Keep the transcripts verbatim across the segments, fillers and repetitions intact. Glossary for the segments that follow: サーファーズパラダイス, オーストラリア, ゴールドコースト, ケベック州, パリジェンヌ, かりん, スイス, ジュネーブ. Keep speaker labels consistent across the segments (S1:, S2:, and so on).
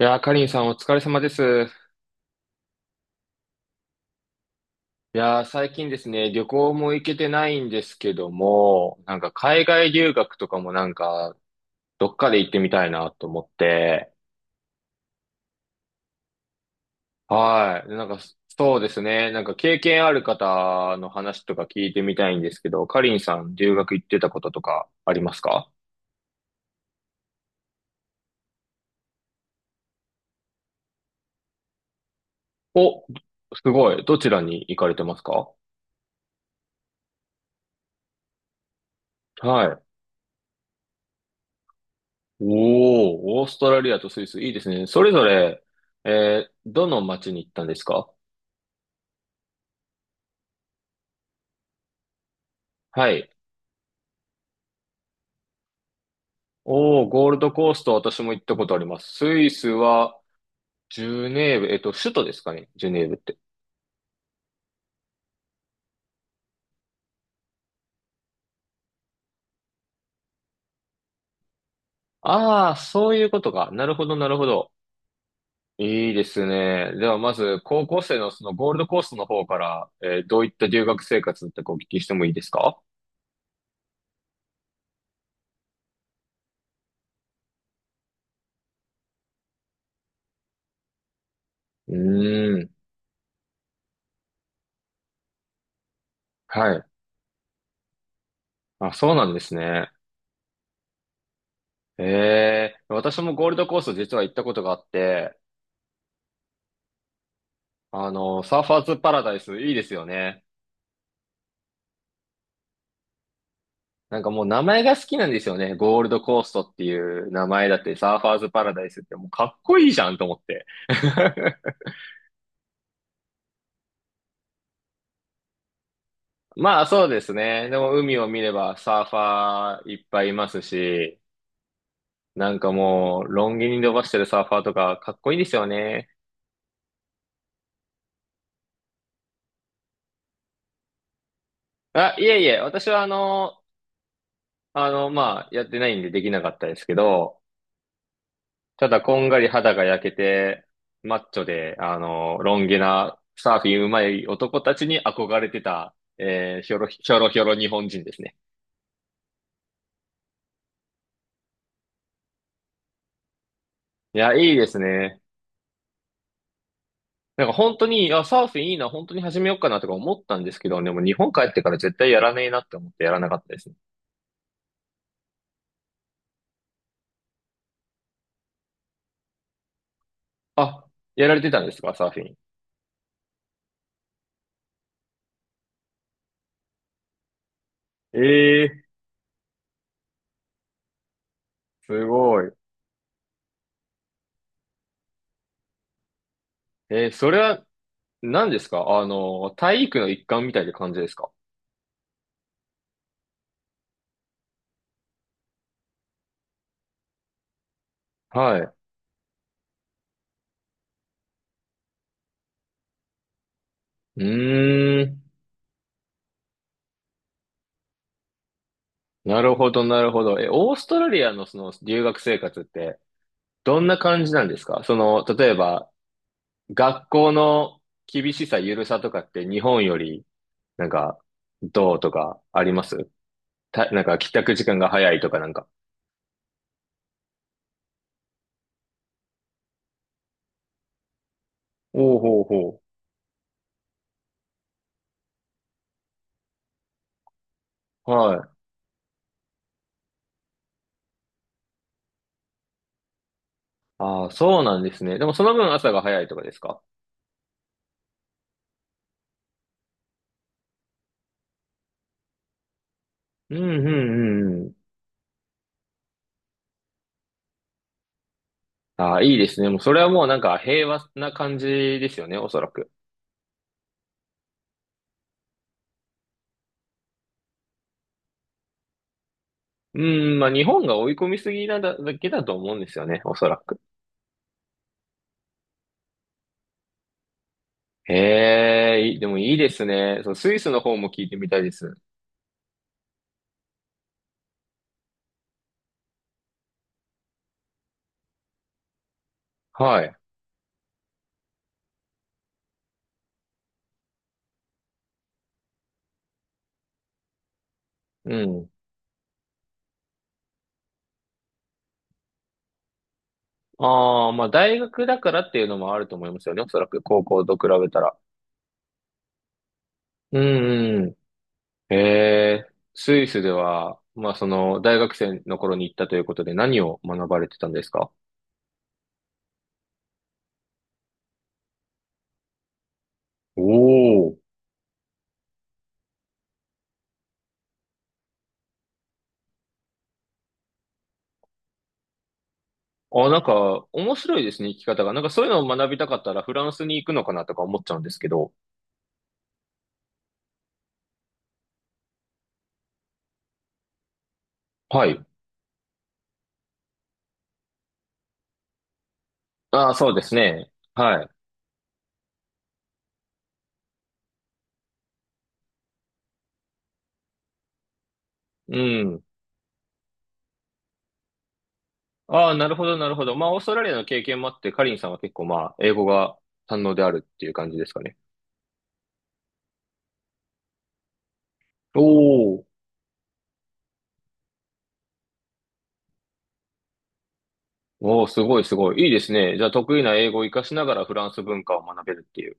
S1: いやー、かりんさんお疲れ様です。いやー、最近ですね、旅行も行けてないんですけども、なんか海外留学とかもなんか、どっかで行ってみたいなと思って、はい。なんか、そうですね、なんか経験ある方の話とか聞いてみたいんですけど、かりんさん留学行ってたこととかありますか？お、すごい。どちらに行かれてますか？はい。おー、オーストラリアとスイス、いいですね。それぞれ、えー、どの町に行ったんですか？はい。おー、ゴールドコースト、私も行ったことあります。スイスは、ジュネーブ、えっと、首都ですかね、ジュネーブって。ああ、そういうことか。なるほど、なるほど。いいですね。では、まず、高校生のそのゴールドコーストの方から、えーどういった留学生活だったかお聞きしてもいいですか？うーん。はい。あ、そうなんですね。ええ、私もゴールドコースト実は行ったことがあって、あの、サーファーズパラダイス、いいですよね。なんかもう名前が好きなんですよね。ゴールドコーストっていう名前だって、サーファーズパラダイスってもうかっこいいじゃんと思って。まあそうですね。でも海を見ればサーファーいっぱいいますし、なんかもうロン毛に伸ばしてるサーファーとかかっこいいですよね。あ、いえいえ、私はあの、あの、まあやってないんでできなかったですけど、ただ、こんがり肌が焼けて、マッチョで、あの、ロン毛なサーフィン上手い男たちに憧れてた、えー、ひょろひょろひょろ日本人ですね。いや、いいですね。なんか本当に、いや、サーフィンいいな、本当に始めようかなとか思ったんですけど、でも日本帰ってから絶対やらねえなって思ってやらなかったですね。あ、やられてたんですか、サーフィン。ええー、すごい。えー、それは何ですか、あの、体育の一環みたいな感じですか？はい。うーん。なるほど、なるほど。え、オーストラリアのその留学生活ってどんな感じなんですか？その、例えば、学校の厳しさ、緩さとかって日本より、なんか、どうとかありますた、なんか帰宅時間が早いとかなんか。おうほうほう。はい。ああ、そうなんですね。でもその分朝が早いとかですか？うんうんうんうん。ああ、いいですね。もうそれはもうなんか平和な感じですよね、おそらく。うん、まあ日本が追い込みすぎなだ、だけだと思うんですよね、おそらく。ええ、いいでもいいですね。そう、スイスの方も聞いてみたいです。はい。うん。ああ、まあ大学だからっていうのもあると思いますよね。おそらく高校と比べたら。うんうん。ええ、スイスでは、まあその大学生の頃に行ったということで何を学ばれてたんですか？おお、あ、なんか面白いですね、生き方が。なんかそういうのを学びたかったらフランスに行くのかなとか思っちゃうんですけど。はい。ああ、そうですね。はい。うん。ああ、なるほど、なるほど。まあ、オーストラリアの経験もあって、カリンさんは結構まあ、英語が堪能であるっていう感じですかね。おお。おお、すごい、すごい。いいですね。じゃあ、得意な英語を活かしながらフランス文化を学べるっていう。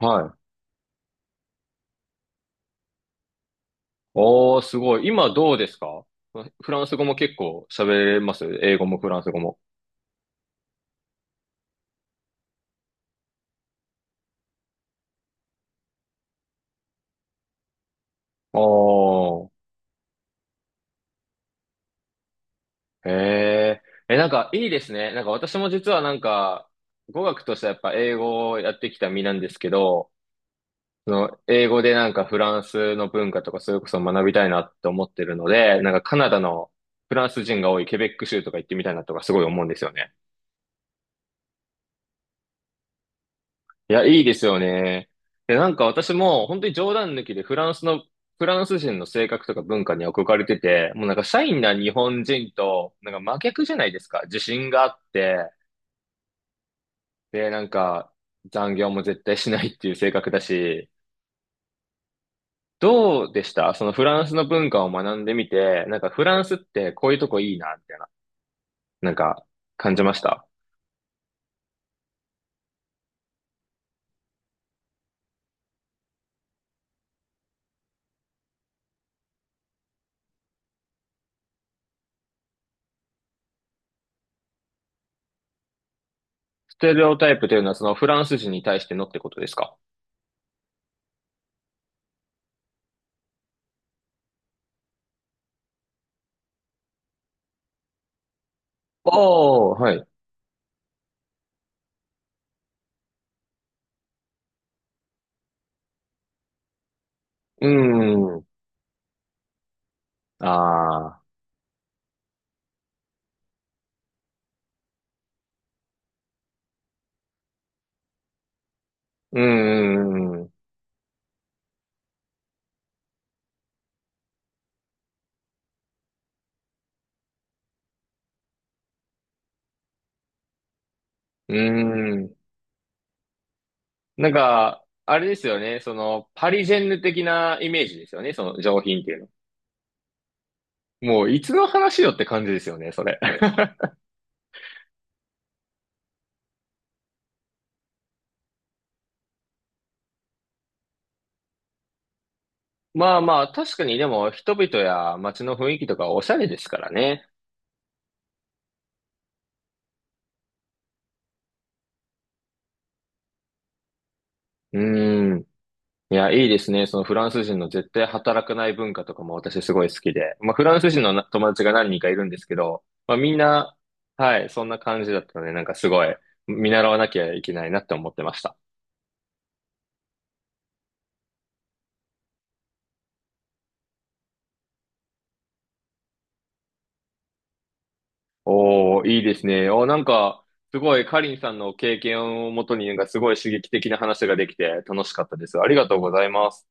S1: はい。おお、すごい。今どうですか？フランス語も結構喋れます、英語もフランス語も。おー。へえ。え、なんかいいですね。なんか私も実はなんか、語学としてはやっぱ英語をやってきた身なんですけど、その、英語でなんかフランスの文化とかそれこそ学びたいなって思ってるので、なんかカナダのフランス人が多いケベック州とか行ってみたいなとかすごい思うんですよね。いや、いいですよね。で、なんか私も本当に冗談抜きでフランスの、フランス人の性格とか文化に憧れてて、もうなんかシャイな日本人と、なんか真逆じゃないですか。自信があって、で、なんか残業も絶対しないっていう性格だし、どうでした、そのフランスの文化を学んでみて、なんかフランスってこういうとこいいな、みたいな、なんか感じました？ステレオタイプというのはそのフランス人に対してのってことですか？おー、はい。うーん。ああ。うーん。うーん。なんか、あれですよね。その、パリジェンヌ的なイメージですよね。その上品っていうの。もう、いつの話よって感じですよね、それ。まあまあ、確かにでも人々や街の雰囲気とかおしゃれですからね。うーん。いや、いいですね。そのフランス人の絶対働かない文化とかも私すごい好きで。まあ、フランス人のな友達が何人かいるんですけど、まあ、みんな、はい、そんな感じだったので、なんかすごい見習わなきゃいけないなって思ってました。おー、いいですね。おー、なんか、すごいカリンさんの経験をもとに、なんかすごい刺激的な話ができて楽しかったです。ありがとうございます。